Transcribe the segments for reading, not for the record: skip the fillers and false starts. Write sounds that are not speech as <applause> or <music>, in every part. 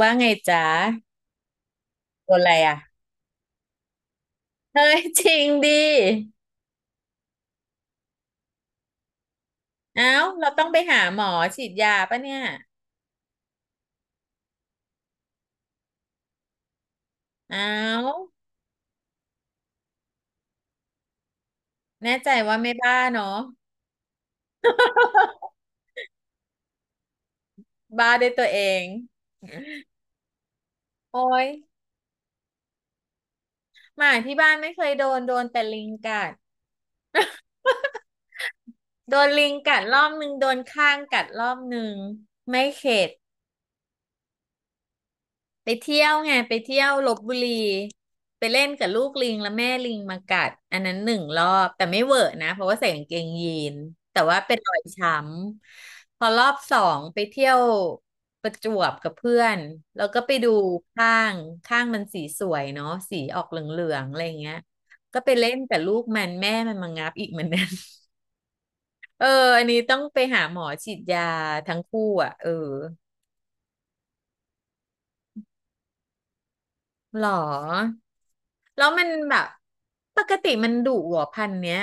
ว่าไงจ๊ะโดนอะไรอ่ะเฮ้ยจริงดิเอ้าเราต้องไปหาหมอฉีดยาปะเนี่ยเอ้าแน่ใจว่าไม่บ้าเนาะบ้าด้วยตัวเองโอ้ยหมาที่บ้านไม่เคยโดนแต่ลิงกัดโดนลิงกัดรอบนึงโดนข้างกัดรอบนึงไม่เข็ด ไปเที่ยวไงไปเที่ยวลพบุรีไปเล่นกับลูกลิงแล้วแม่ลิงมากัดอันนั้นหนึ่งรอบแต่ไม่เวอะนะเพราะว่าใส่กางเกงยีนแต่ว่าเป็นรอยช้ำพอรอบสองไปเที่ยวประจวบกับเพื่อนแล้วก็ไปดูข้างข้างมันสีสวยเนาะสีออกเหลืองๆอะไรอย่างเงี้ยก็ไปเล่นกับลูกมันแม่มันมางับอีกเหมือนกัน <laughs> เอออันนี้ต้องไปหาหมอฉีดยาทั้งคู่อ่ะเออ หรอแล้วมันแบบปกติมันดุเหรอพันธุ์เนี้ย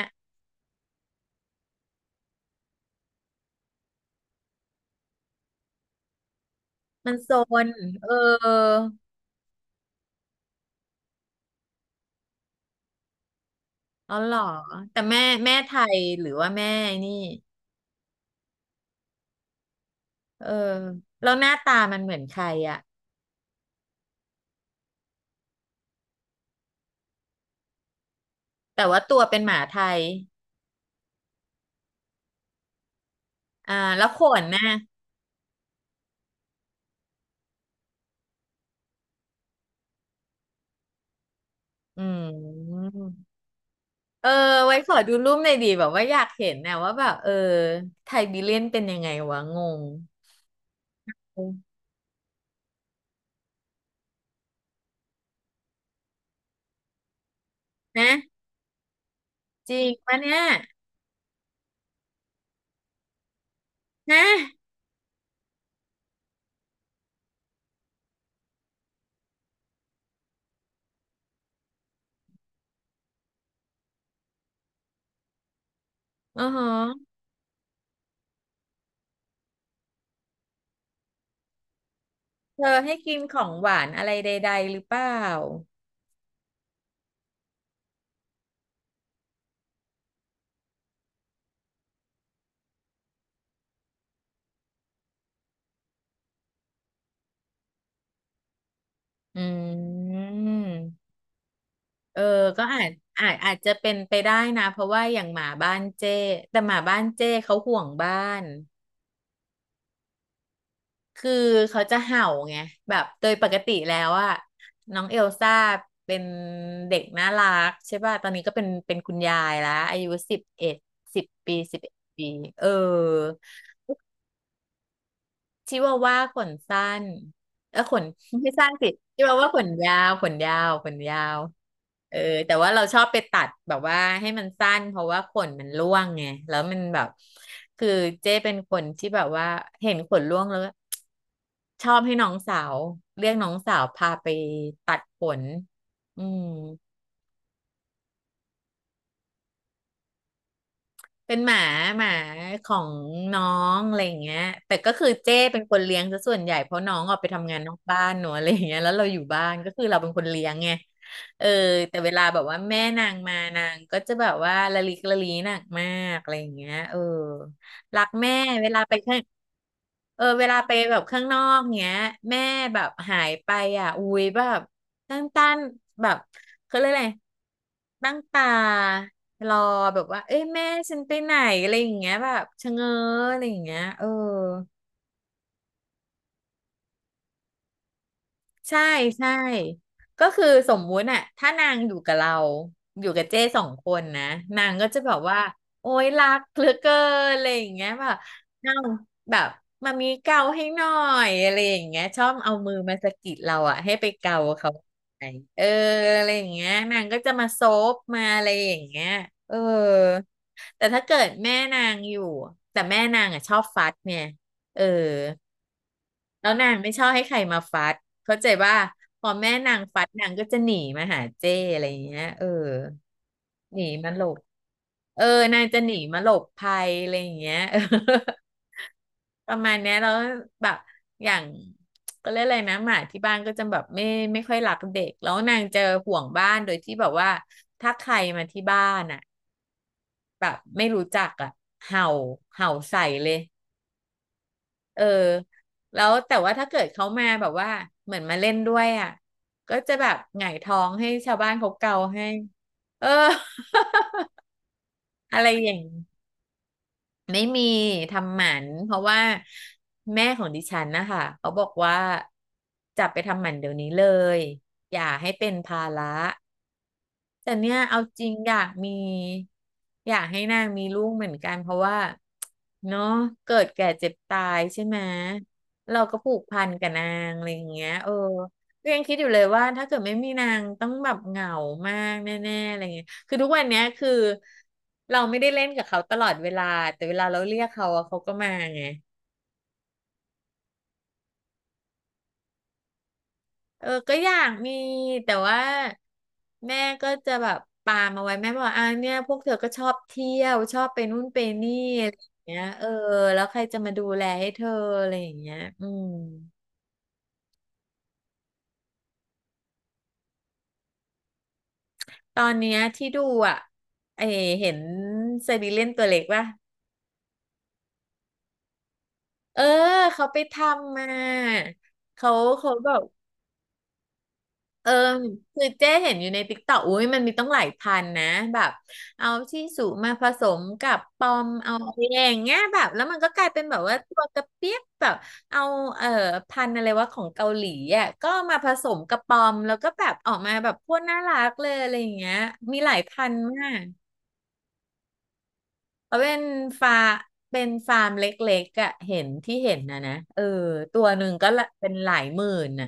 มันโซนเอออ๋อหรอแต่แม่ไทยหรือว่าแม่นี่เออแล้วหน้าตามันเหมือนใครอะแต่ว่าตัวเป็นหมาไทยอ่าแล้วขนน่ะอืมเออไว้ขอดูรูปหน่อยดีแบบว่าอยากเห็นนะว่าแบบเออไทยบีเลียนเป็นยังไงวะงงนะจริงปะเนี่ยนะอ๋อฮะ เธอให้กินของหวานอะไรใดๆหรือเปล่าอืมเออก็อาจจะเป็นไปได้นะ เพราะว่าอย่างหมาบ้านเจ้แต่หมาบ้านเจ้เขาห่วงบ้าน คือเขาจะเห่าไง แบบโดยปกติแล้วอะน้องเอลซ่าเป็นเด็กน่ารักใช่ป่ะ ตอนนี้ก็เป็นคุณยายแล้ว อายุ 1110 ปี11 ปีเออ ชิวาว่าขนสั้นเออขน <laughs> ไม่สั้นสิชิวาว่าขนยาวขนยาวขนยาวเออแต่ว่าเราชอบไปตัดแบบว่าให้มันสั้นเพราะว่าขนมันร่วงไงแล้วมันแบบคือเจ้เป็นคนที่แบบว่าเห็นขนร่วงแล้วชอบให้น้องสาวเรียกน้องสาวพาไปตัดขนอืม เป็นหมาของน้องอะไรอย่างเงี้ยแต่ก็คือเจ้เป็นคนเลี้ยงซะส่วนใหญ่เพราะน้องออกไปทำงานนอกบ้านเนอะอะไรอย่างเงี้ยแล้วเราอยู่บ้านก็คือเราเป็นคนเลี้ยงไงเออแต่เวลาแบบว่าแม่นางมานางก็จะแบบว่าละลิกละลีหนักมากอะไรอย่างเงี้ยเออ รักแม่เวลาไปข้างเออเวลาไปแบบข้างนอกเงี้ยแม่แบบหายไปอ่ะอุ้ยแบบตั้งตนแบบเขาเรียกอะไรตั้งตารอแบบว่าเอ้ยแม่ฉันไปไหนอะไรอย่างเงี้ยแบบชะเง้ออะไรอย่างเงี้ยเออ ใช่ใช่ก็คือสมมุติอะถ้านางอยู่กับเราอยู่กับเจ้สองคนนะนางก็จะแบบว่าโอ๊ยรักเหลือเกินอะไรอย่างเงี้ยแบบเอ้าแบบมามีเกาให้หน่อยอะไรอย่างเงี้ยชอบเอามือมาสะกิดเราอะให้ไปเกาเขาไปเอออะไรอย่างเงี้ยนางก็จะมาโซบมาอะไรอย่างเงี้ยเออแต่ถ้าเกิดแม่นางอยู่แต่แม่นางอะชอบฟัดเนี่ยเออ แล้วนางไม่ชอบให้ใครมาฟัดเข้าใจว่าพอแม่นางฟัดนางก็จะหนีมาหาเจ้อะไรอย่างเงี้ยเออหนีมาหลบเออนางจะหนีมาหลบภัยอะไรอย่างเงี้ย <laughs> เออประมาณเนี้ยแล้วแบบอย่างก็เรียกอะไรนะหมาที่บ้านก็จะแบบไม่ค่อยรักเด็กแล้วนางจะห่วงบ้านโดยที่แบบว่าถ้าใครมาที่บ้านอ่ะแบบไม่รู้จักอ่ะเห่าเห่าใส่เลย เออแล้วแต่ว่าถ้าเกิดเขามาแบบว่าเหมือนมาเล่นด้วยอ่ะก็จะแบบหงายท้องให้ชาวบ้านเขาเกาให้เออ <laughs> อะไรอย่างนี้ไม่มีทำหมันเพราะว่าแม่ของดิฉันนะคะเขาบอกว่าจับไปทำหมันเดี๋ยวนี้เลยอย่าให้เป็นภาระ แต่เนี่ยเอาจริงอยากมีอยากให้นางมีลูกเหมือนกันเพราะว่าเนาะเกิดแก่เจ็บตายใช่ไหมเราก็ผูกพันกับนางอะไรอย่างเงี้ยเออก็ยังคิดอยู่เลยว่าถ้าเกิดไม่มีนางต้องแบบเหงามากแน่ๆอะไรเงี้ยคือทุกวันเนี้ยคือเราไม่ได้เล่นกับเขาตลอดเวลาแต่เวลาเราเรียกเขาอะเขาก็มาไง เออก็อยากมีแต่ว่าแม่ก็จะแบบปามเอาไว้แม่บอกอ่าเนี่ยพวกเธอก็ชอบเที่ยวชอบไปนู่นไปนี่อะไรอย่างเงี้ยเออแล้วใครจะมาดูแลให้เธออะไรอย่างเงี้ยอืมตอนเนี้ยที่ดูอ่ะเออเห็นไซบีเรียนตัวเล็กป่ะเออเขาไปทำมาเขาเขาแบบ เออคือเจ๊เห็นอยู่ในติ๊กต็อกอุ้ยมันมีต้องหลายพันนะแบบเอาที่สูมาผสมกับปอมเอาอะไรอย่างเงี้ยแบบแล้วมันก็กลายเป็นแบบว่าตัวกระเปี๊ยกแบบเอาเอ่อพันธุ์อะไรว่าของเกาหลีอ่ะก็มาผสมกับปอมแล้วก็แบบออกมาแบบโคตรน่ารักเลยอะไรอย่างเงี้ยมีหลายพันธุ์มากเขาเป็นฟาร์มเป็นฟาร์มเล็กๆอ่ะเห็นที่เห็นนะเออตัวหนึ่งก็ละเป็นหลายหมื่นอ่ะ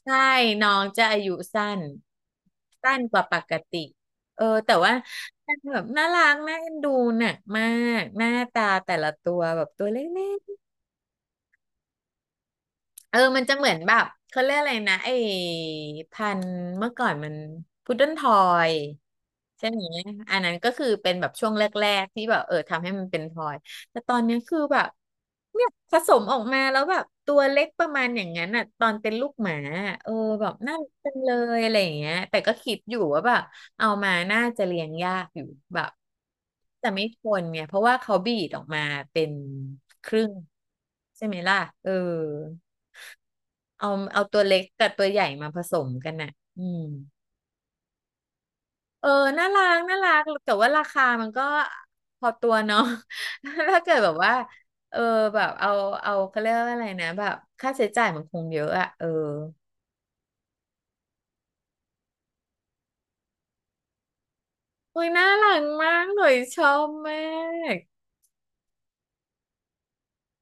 ใช่ น้องจะอายุสั้น สั้นกว่าปกติ เออแต่ว่าแบบน่ารักน่าเอ็นดูน่ะมาก หน้าตาแต่ละตัวแบบตัวเล็กๆเออมันจะเหมือนแบบ เขาเรียกอะไรนะไอ้พันธุ์เมื่อก่อนมันพุดเดิ้ลทอย ใช่ไหมอันนั้นก็คือเป็นแบบช่วงแรกๆที่แบบทำให้มันเป็นพลอยแต่ตอนเนี้ยคือแบบเนี่ยผสมออกมาแล้วแบบตัวเล็กประมาณอย่างนั้นอ่ะตอนเป็นลูกหมาอะเออแบบน่ารักจังเลยอะไรอย่างเงี้ยแต่ก็คิดอยู่ว่าแบบเอามาน่าจะเลี้ยงยากอยู่แบบแต่ไม่ทนเนี่ยเพราะว่าเขาบีดออกมาเป็นครึ่งใช่ไหมล่ะเออเอาเอาตัวเล็กกับตัวใหญ่มาผสมกันน่ะอืม เออน่ารักน่ารักแต่ว่าราคามันก็พอตัวเนาะ <laughs> ถ้าเกิดแบบว่าเออแบบเอาเขาเรียกว่าอะไรนะแบบค่าใช้จ่ายมันคงเยอะอะเอออุ้ยน่ารักมากหน่อยชอบมาก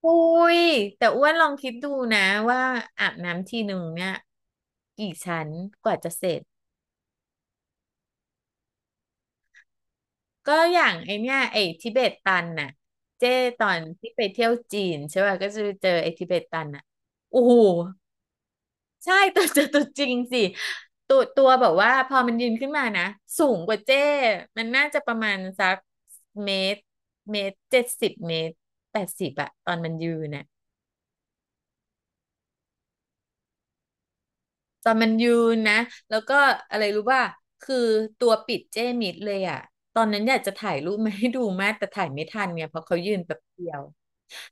อุ้ยแต่อ้วนลองคิดดูนะว่าอาบน้ำทีหนึ่งเนี่ยกี่ชั้นกว่าจะเสร็จก็อย่างไอเนี่ยไอทิเบตตันน่ะเจ้ตอนที่ไปเที่ยวจีนใช่ป่ะก็จะไปเจอไอทิเบตตันน่ะโอ้โห ใช่ <laughs> ตัวจริงสิตัวแบบว่าพอมันยืนขึ้นมานะสูงกว่าเจ้มันน่าจะประมาณสักเมตรเมตร70เมตร80อะตอนมันยืนน่ะตอนมันยืนนะแล้วก็อะไรรู้ป่ะคือตัวปิดเจ้มิดเลยอะตอนนั้นอยากจะถ่ายรูปมาให้ดูมากแต่ถ่ายไม่ทันเนี่ยเพราะเขายืนแป๊บเดียว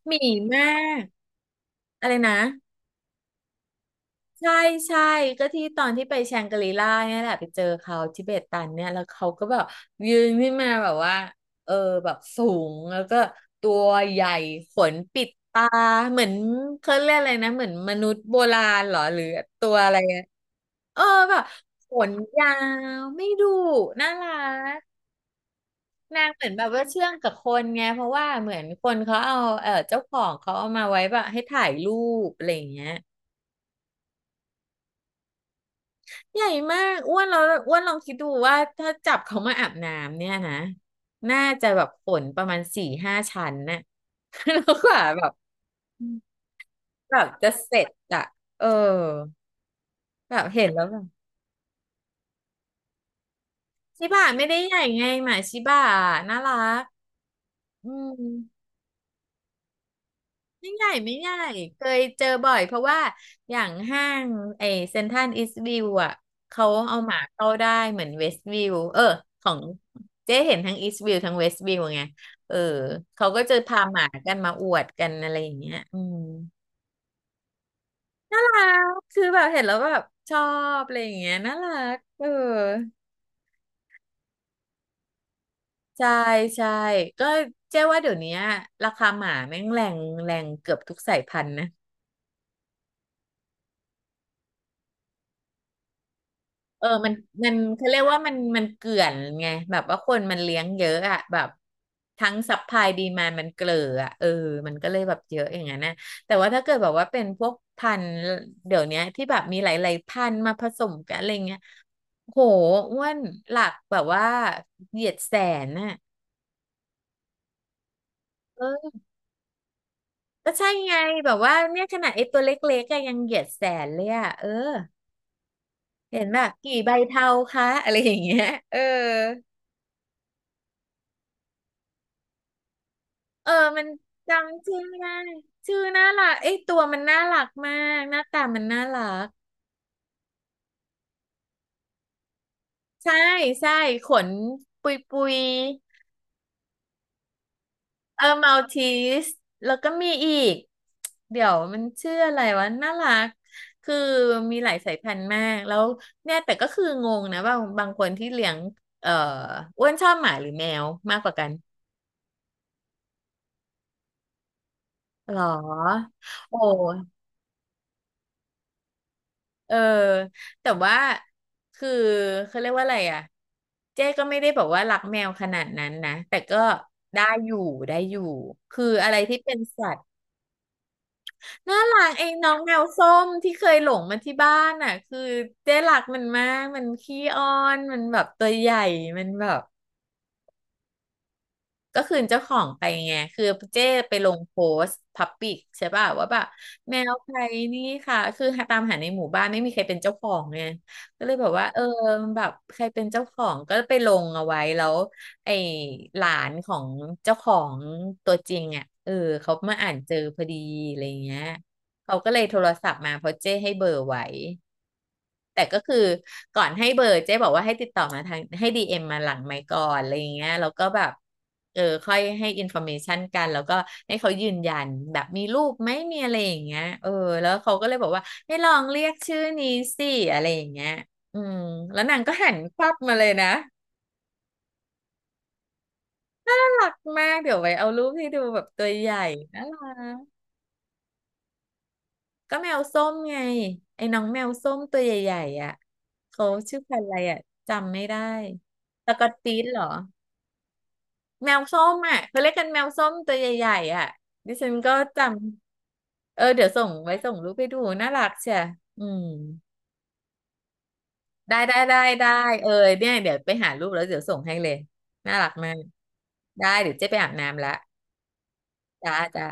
หมีมากอะไรนะ ใช่ใช่ก็ที่ตอนที่ไปแชงกรีล่าเนี่ยแหละไปเจอเขาทิเบตันเนี่ยแล้วเขาก็แบบยืนขึ้นมาแบบว่าเออแบบสูงแล้วก็ตัวใหญ่ขนปิดตาเหมือนเขาเรียกอะไรนะเหมือนมนุษย์โบราณเหรอหรือตัวอะไรอะเออแบบขนยาวไม่ดุน่ารักนางเหมือนแบบว่าเชื่องกับคนไงเพราะว่าเหมือนคนเขาเอาเออเจ้าของเขาเอามาไว้แบบให้ถ่ายรูปอะไรอย่างเงี้ย ใหญ่มากอ้วนเราอ้วนลองคิดดูว่าถ้าจับเขามาอาบน้ำเนี่ยนะน่าจะแบบฝนประมาณ4-5ชั้นน่ะ <laughs> แล้วกว่าแบบแบบจะเสร็จอะเออแบบเห็นแล้วแบบชิบะไม่ได้ใหญ่ไงหมาชิบะน่ารักอืม ไม่ใหญ่ไม่ใหญ่เคยเจอบ่อยเพราะว่าอย่างห้างไอเซ็นทรัลอีสต์วิวอ่ะเขาเอาหมาเข้าได้เหมือนเวสต์วิวเออของเจ๊เห็นทั้งอีสต์วิวทั้งเวสต์วิวไงเออเขาก็จะพาหมากันมาอวดกันอะไรอย่างเงี้ยอืมน่ารักคือแบบเห็นแล้วแบบชอบอะไรอย่างเงี้ยน่ารักเออใช่ใช่ก็เจ๊ว่าเดี๋ยวนี้ราคาหมาแม่งแรงแรงเกือบทุกสายพันธุ์นะ เออมันเขาเรียกว่ามันเกลื่อนไง แบบว่าคนมันเลี้ยงเยอะอะแบบทั้งซัพพลายดีมานมันเกลืออะเออมันก็เลยแบบเยอะอย่างนั้นนะแต่ว่าถ้าเกิดแบบว่าเป็นพวกพันธุ์เดี๋ยวเนี้ยที่แบบมีหลายๆพันธุ์มาผสมกันอะไรเงี้ยโหอ้วนหลักแบบว่าเหยียดแสนน่ะเออก็ใช่ไงแบบว่าเนี่ยขนาดไอ้ตัวเล็กๆก็ยังเหยียดแสนเลยอะเออเห็นแบบกี่ใบเทาคะอะไรอย่างเงี้ยเออ เออมันจำชื่อไม่ได้ชื่อน่ารักเอ้ยตัวมันน่ารักมากหน้าตามันน่ารักใช่ใช่ขนปุยปุยเออมัลทีสแล้วก็มีอีกเดี๋ยวมันชื่ออะไรวะน่ารัก คือมีหลายสายพันธุ์มากแล้วเนี่ยแต่ก็คืองงนะว่าบางคนที่เลี้ยงเอ่ออ้วนชอบหมาหรือแมวมากกว่ากันหรอโอ้ เออแต่ว่าคือเขาเรียกว่าอะไรอ่ะเจ๊ก็ไม่ได้บอกว่ารักแมวขนาดนั้นนะแต่ก็ได้อยู่ได้อยู่คืออะไรที่เป็นสัตว์น่ารักไอ้น้องแมวส้มที่เคยหลงมาที่บ้านอ่ะคือเจ๊รักมันมากมันขี้อ้อนมันแบบตัวใหญ่มันแบบ ก็คืนเจ้าของไปไงคือเจ้ไปลงโพสต์พับปิกใช่ป่ะว่าแบบแมวใครนี่ค่ะคือหตามหาในหมู่บ้านไม่มีใครเป็นเจ้าของไงก็เลยแบบว่าเออแบบใครเป็นเจ้าของก็ไปลงเอาไว้แล้วไอ้หลานของเจ้าของตัวจริงอ่ะเออเขามาอ่านเจอพอดีอะไรเงี้ยเขาก็เลยโทรศัพท์มาเพราะเจ้ให้เบอร์ไว้ แต่ก็คือก่อนให้เบอร์เจ๊บอกว่าให้ติดต่อมาทางให้ดีเอ็มมาหลังไมค์ก่อนอะไรอย่างเงี้ยแล้วก็แบบเออค่อยให้อินโฟอร์เมชันกันแล้วก็ให้เขายืนยันแบบมีรูปไหมมีอะไรอย่างเงี้ยเออแล้วเขาก็เลยบอกว่าให้ลองเรียกชื่อนี้สิอะไรอย่างเงี้ยอืมแล้วนางก็หันควับมาเลยนะน่ารักมากเดี๋ยวไว้เอารูปให้ดูแบบตัวใหญ่น่ารักก็แมวส้มไงไอ้น้องแมวส้มตัวใหญ่ๆอ่ะเขาชื่อพันธุ์อะไรอ่ะจำไม่ได้สกอตติชเหรอ แมวส้มอ่ะเขาเรียกกันแมวส้มตัวใหญ่ๆอ่ะดิฉันก็จำ เออเดี๋ยวส่งไว้ส่งรูปไปดูน่ารักเชียอืมได้เออเนี่ยเดี๋ยวไปหารูปแล้วเดี๋ยวส่งให้เลยน่ารักมากได้เดี๋ยวเจ๊ไปอาบน้ำละจ้า